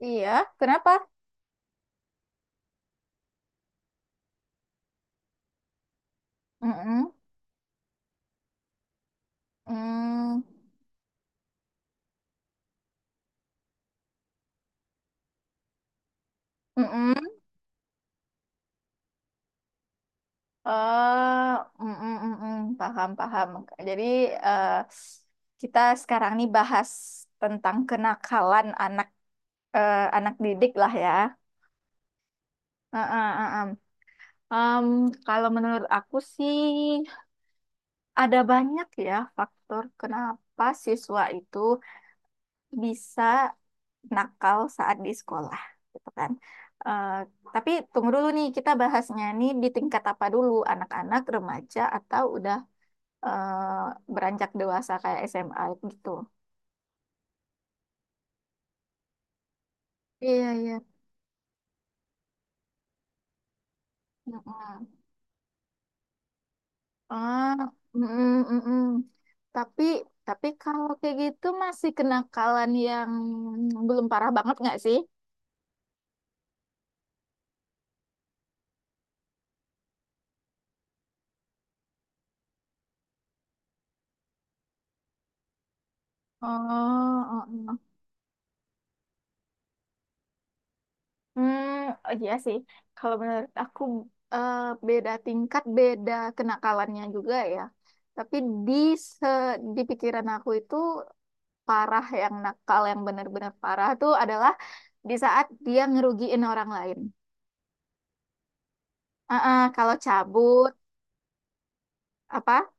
Iya, kenapa? Mm-mm. Mm. Mm-mm. Eh, mm-mm, mm-mm. Paham, paham. Jadi eh, kita sekarang nih bahas tentang kenakalan anak anak didik lah ya. Heeh, heeh. Em, kalau menurut aku sih ada banyak ya faktor kenapa siswa itu bisa nakal saat di sekolah gitu kan. Eh, tapi tunggu dulu nih kita bahasnya nih di tingkat apa dulu anak-anak remaja atau udah beranjak dewasa kayak SMA gitu. Iya iya. Mm-mm. Ah, mm-mm, mm-mm. Tapi tapi kalau kayak gitu masih kenakalan yang belum parah banget nggak sih? Oh, oh, oh. Hmm, oh iya sih. Kalau menurut aku eh, beda tingkat, beda kenakalannya juga ya. Tapi di se di pikiran aku itu parah yang nakal yang benar-benar parah tuh adalah di saat dia ngerugiin orang lain. Ah, ah, kalau cabut apa?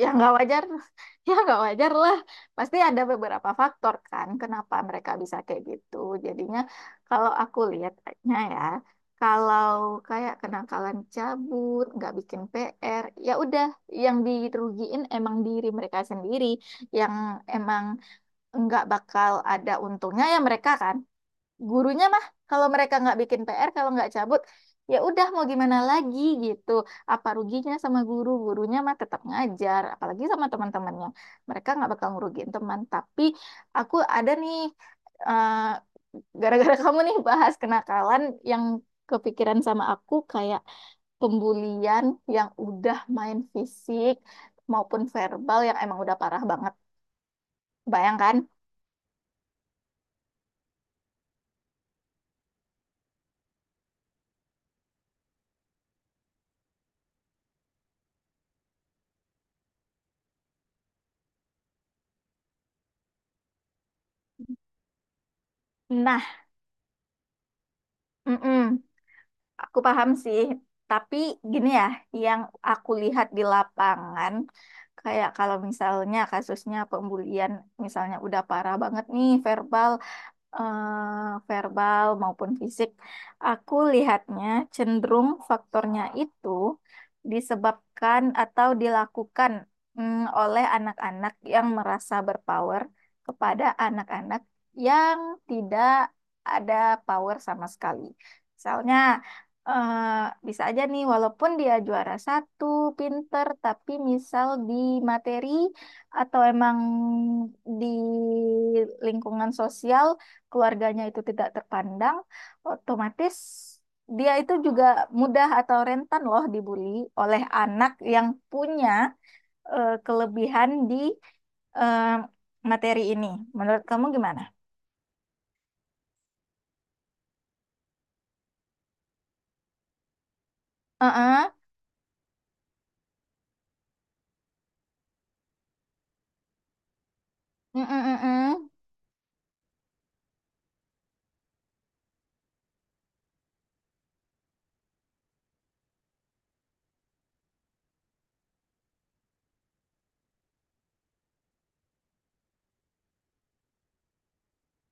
Ya nggak wajar ya nggak wajar lah, pasti ada beberapa faktor kan kenapa mereka bisa kayak gitu. Jadinya kalau aku lihatnya ya, kalau kayak kenakalan cabut nggak bikin PR, ya udah, yang dirugiin emang diri mereka sendiri, yang emang nggak bakal ada untungnya ya mereka kan. Gurunya mah kalau mereka nggak bikin PR, kalau nggak cabut, ya udah mau gimana lagi gitu. Apa ruginya sama guru? Gurunya mah tetap ngajar, apalagi sama teman-temannya mereka nggak bakal ngerugiin teman. Tapi aku ada nih, eh, gara-gara kamu nih bahas kenakalan, yang kepikiran sama aku kayak pembulian yang udah main fisik maupun verbal yang emang udah parah banget. Bayangkan. Nah, mm-mm. Aku paham sih, tapi gini ya, yang aku lihat di lapangan, kayak kalau misalnya kasusnya pembulian, misalnya udah parah banget nih verbal, verbal maupun fisik. Aku lihatnya cenderung faktornya itu disebabkan atau dilakukan, oleh anak-anak yang merasa berpower kepada anak-anak yang tidak ada power sama sekali. Misalnya, eh, bisa aja nih, walaupun dia juara 1, pinter, tapi misal di materi atau emang di lingkungan sosial keluarganya itu tidak terpandang, otomatis dia itu juga mudah atau rentan loh dibully oleh anak yang punya kelebihan di eh, materi ini. Menurut kamu gimana? Uh. Mm, mm, mm.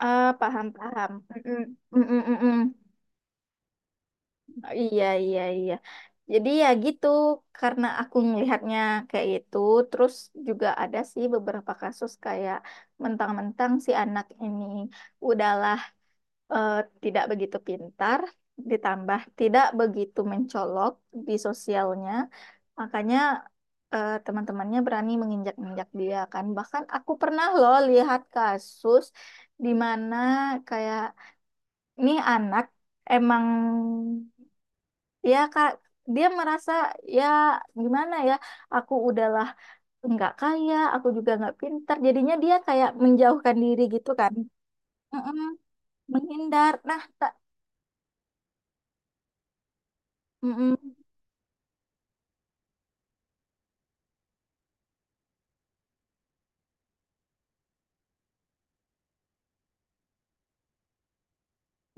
Ah, paham, paham. Mm, mm, mm, mm, mm, mm. Oh, iya, iya, iya. Jadi ya gitu, karena aku melihatnya kayak itu. Terus juga ada sih beberapa kasus kayak mentang-mentang si anak ini udah eh, tidak begitu pintar, ditambah tidak begitu mencolok di sosialnya, makanya teman-temannya berani menginjak-injak dia kan. Bahkan aku pernah loh lihat kasus di mana kayak nih anak emang, ya kak, dia merasa, ya gimana ya, aku udahlah nggak kaya, aku juga nggak pintar, jadinya dia kayak menjauhkan diri gitu kan. Mm-mm, menghindar. Nah, tak. Mm-mm.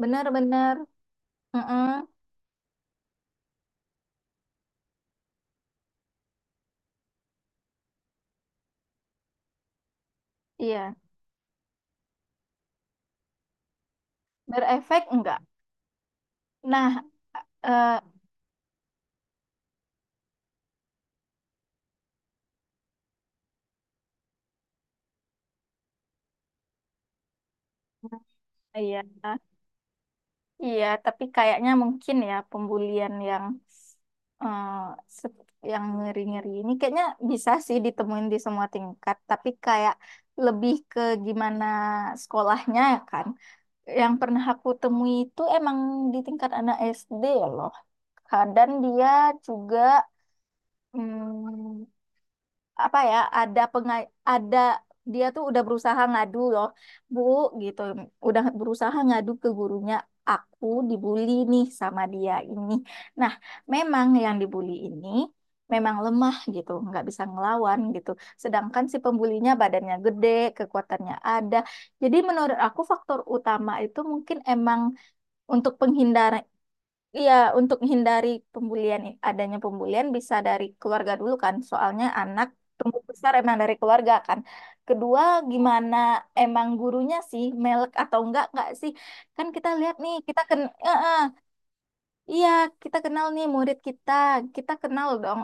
Benar-benar. Mm-mm. Iya. Berefek enggak? Nah, eh, iya, iya. Tapi kayaknya mungkin ya pembulian yang eh, se- yang ngeri-ngeri ini kayaknya bisa sih ditemuin di semua tingkat. Tapi kayak lebih ke gimana sekolahnya ya kan. Yang pernah aku temui itu emang di tingkat anak SD loh. Kadang dia juga hmm, apa ya, ada dia tuh udah berusaha ngadu loh bu gitu, udah berusaha ngadu ke gurunya, "Aku dibully nih sama dia ini." Nah, memang yang dibully ini memang lemah gitu, nggak bisa ngelawan gitu, sedangkan si pembulinya badannya gede, kekuatannya ada. Jadi menurut aku faktor utama itu mungkin emang untuk penghindar. Iya, untuk menghindari pembulian, adanya pembulian bisa dari keluarga dulu kan, soalnya anak tumbuh besar emang dari keluarga kan. Kedua, gimana emang gurunya sih, melek atau enggak sih? Kan kita lihat nih, eh, eh, iya, kita kenal nih murid kita, kita kenal dong,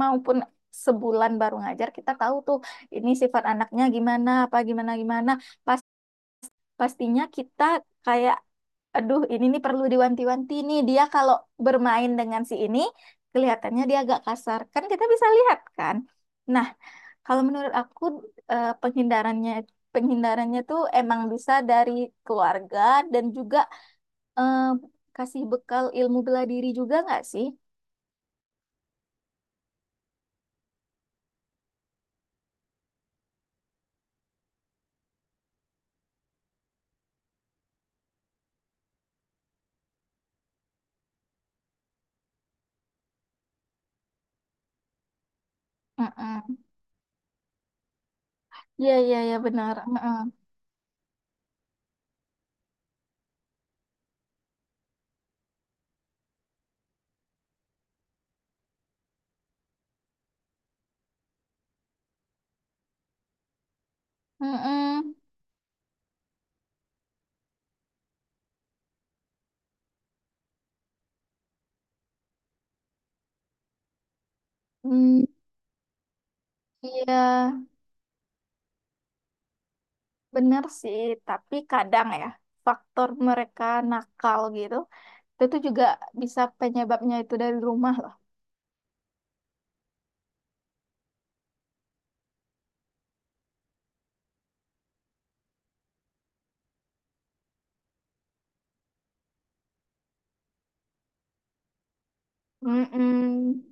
maupun sebulan baru ngajar kita tahu tuh ini sifat anaknya gimana, apa gimana gimana. Pastinya kita kayak, aduh, ini nih perlu diwanti-wanti nih dia kalau bermain dengan si ini, kelihatannya dia agak kasar kan, kita bisa lihat kan. Nah, kalau menurut aku penghindarannya penghindarannya tuh emang bisa dari keluarga, dan juga eh, kasih bekal ilmu bela diri juga nggak sih? Mm-mm. Iya, iya, iya benar. Mm-mm. Mm-mm. Mm, iya. Bener sih, tapi kadang ya faktor mereka nakal gitu, itu juga bisa penyebabnya itu dari rumah loh. Mm-mm.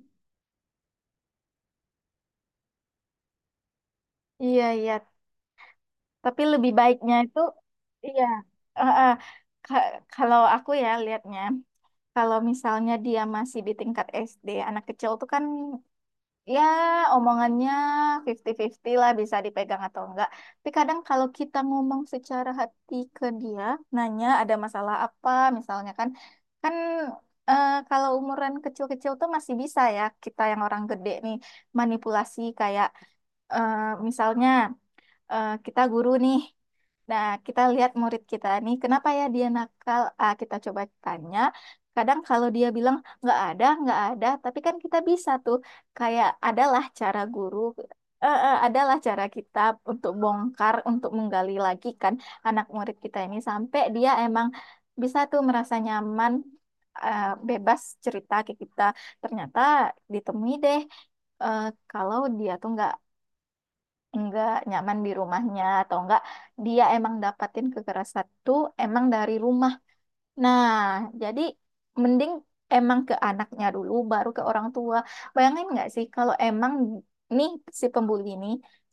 Iya, iya. Tapi lebih baiknya itu, iya. Eh, eh, ka- kalau aku ya lihatnya, kalau misalnya dia masih di tingkat SD, anak kecil tuh kan. Ya, omongannya 50-50 lah, bisa dipegang atau enggak. Tapi kadang kalau kita ngomong secara hati ke dia, nanya ada masalah apa, misalnya kan, kan kalau umuran kecil-kecil tuh masih bisa ya, kita yang orang gede nih, manipulasi kayak, eh, misalnya, kita guru nih. Nah, kita lihat murid kita nih, kenapa ya dia nakal? Ah, kita coba tanya. Kadang kalau dia bilang nggak ada, tapi kan kita bisa tuh kayak, adalah cara guru, adalah cara kita untuk bongkar, untuk menggali lagi kan anak murid kita ini sampai dia emang bisa tuh merasa nyaman, eh, bebas cerita ke kita. Ternyata ditemui deh eh, kalau dia tuh nggak enggak nyaman di rumahnya, atau enggak dia emang dapatin kekerasan itu emang dari rumah. Nah, jadi mending emang ke anaknya dulu baru ke orang tua. Bayangin nggak sih kalau emang nih si pembuli ini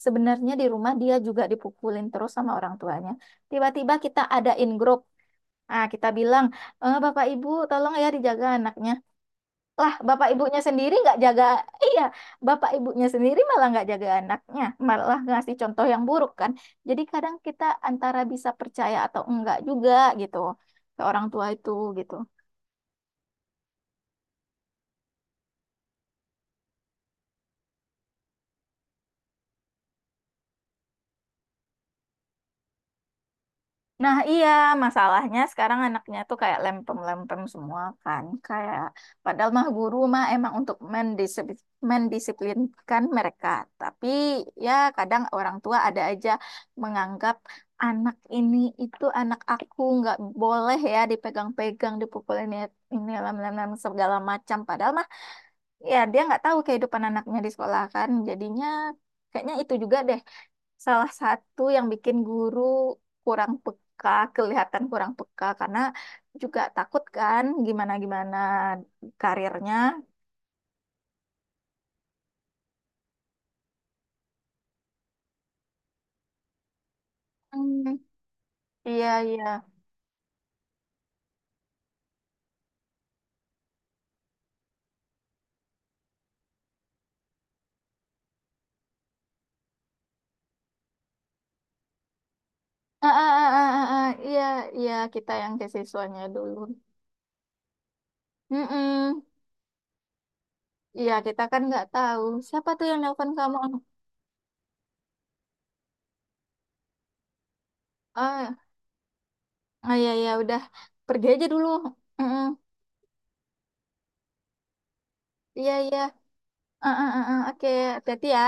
sebenarnya di rumah dia juga dipukulin terus sama orang tuanya. Tiba-tiba kita ada in Ah, kita bilang, "Eh, Bapak Ibu, tolong ya dijaga anaknya." Lah, bapak ibunya sendiri nggak jaga, iya, bapak ibunya sendiri malah nggak jaga anaknya, malah ngasih contoh yang buruk kan. Jadi kadang kita antara bisa percaya atau enggak juga gitu ke orang tua itu gitu. Nah, iya, masalahnya sekarang anaknya tuh kayak lempem-lempem semua kan. Kayak, padahal mah guru mah emang untuk mendisiplinkan mereka. Tapi ya kadang orang tua ada aja menganggap anak ini, itu anak aku nggak boleh ya dipegang-pegang, dipukulin ini lem-lem segala macam. Padahal mah ya dia nggak tahu kehidupan anaknya di sekolah kan, jadinya kayaknya itu juga deh salah satu yang bikin guru kurang peka, kelihatan kurang peka karena juga takut kan gimana gimana karirnya. Hmm, iya iya. Ah, ah, ah, ah, ah, ah, iya iya, kita yang ke siswanya dulu. Mm-mm. Iya, kita kan nggak tahu siapa tuh yang nelpon kamu. Ah, ah, iya iya, udah pergi aja dulu. Mm-mm. Iya iya. Ah, ah, ah, ah, oke, hati-hati ya.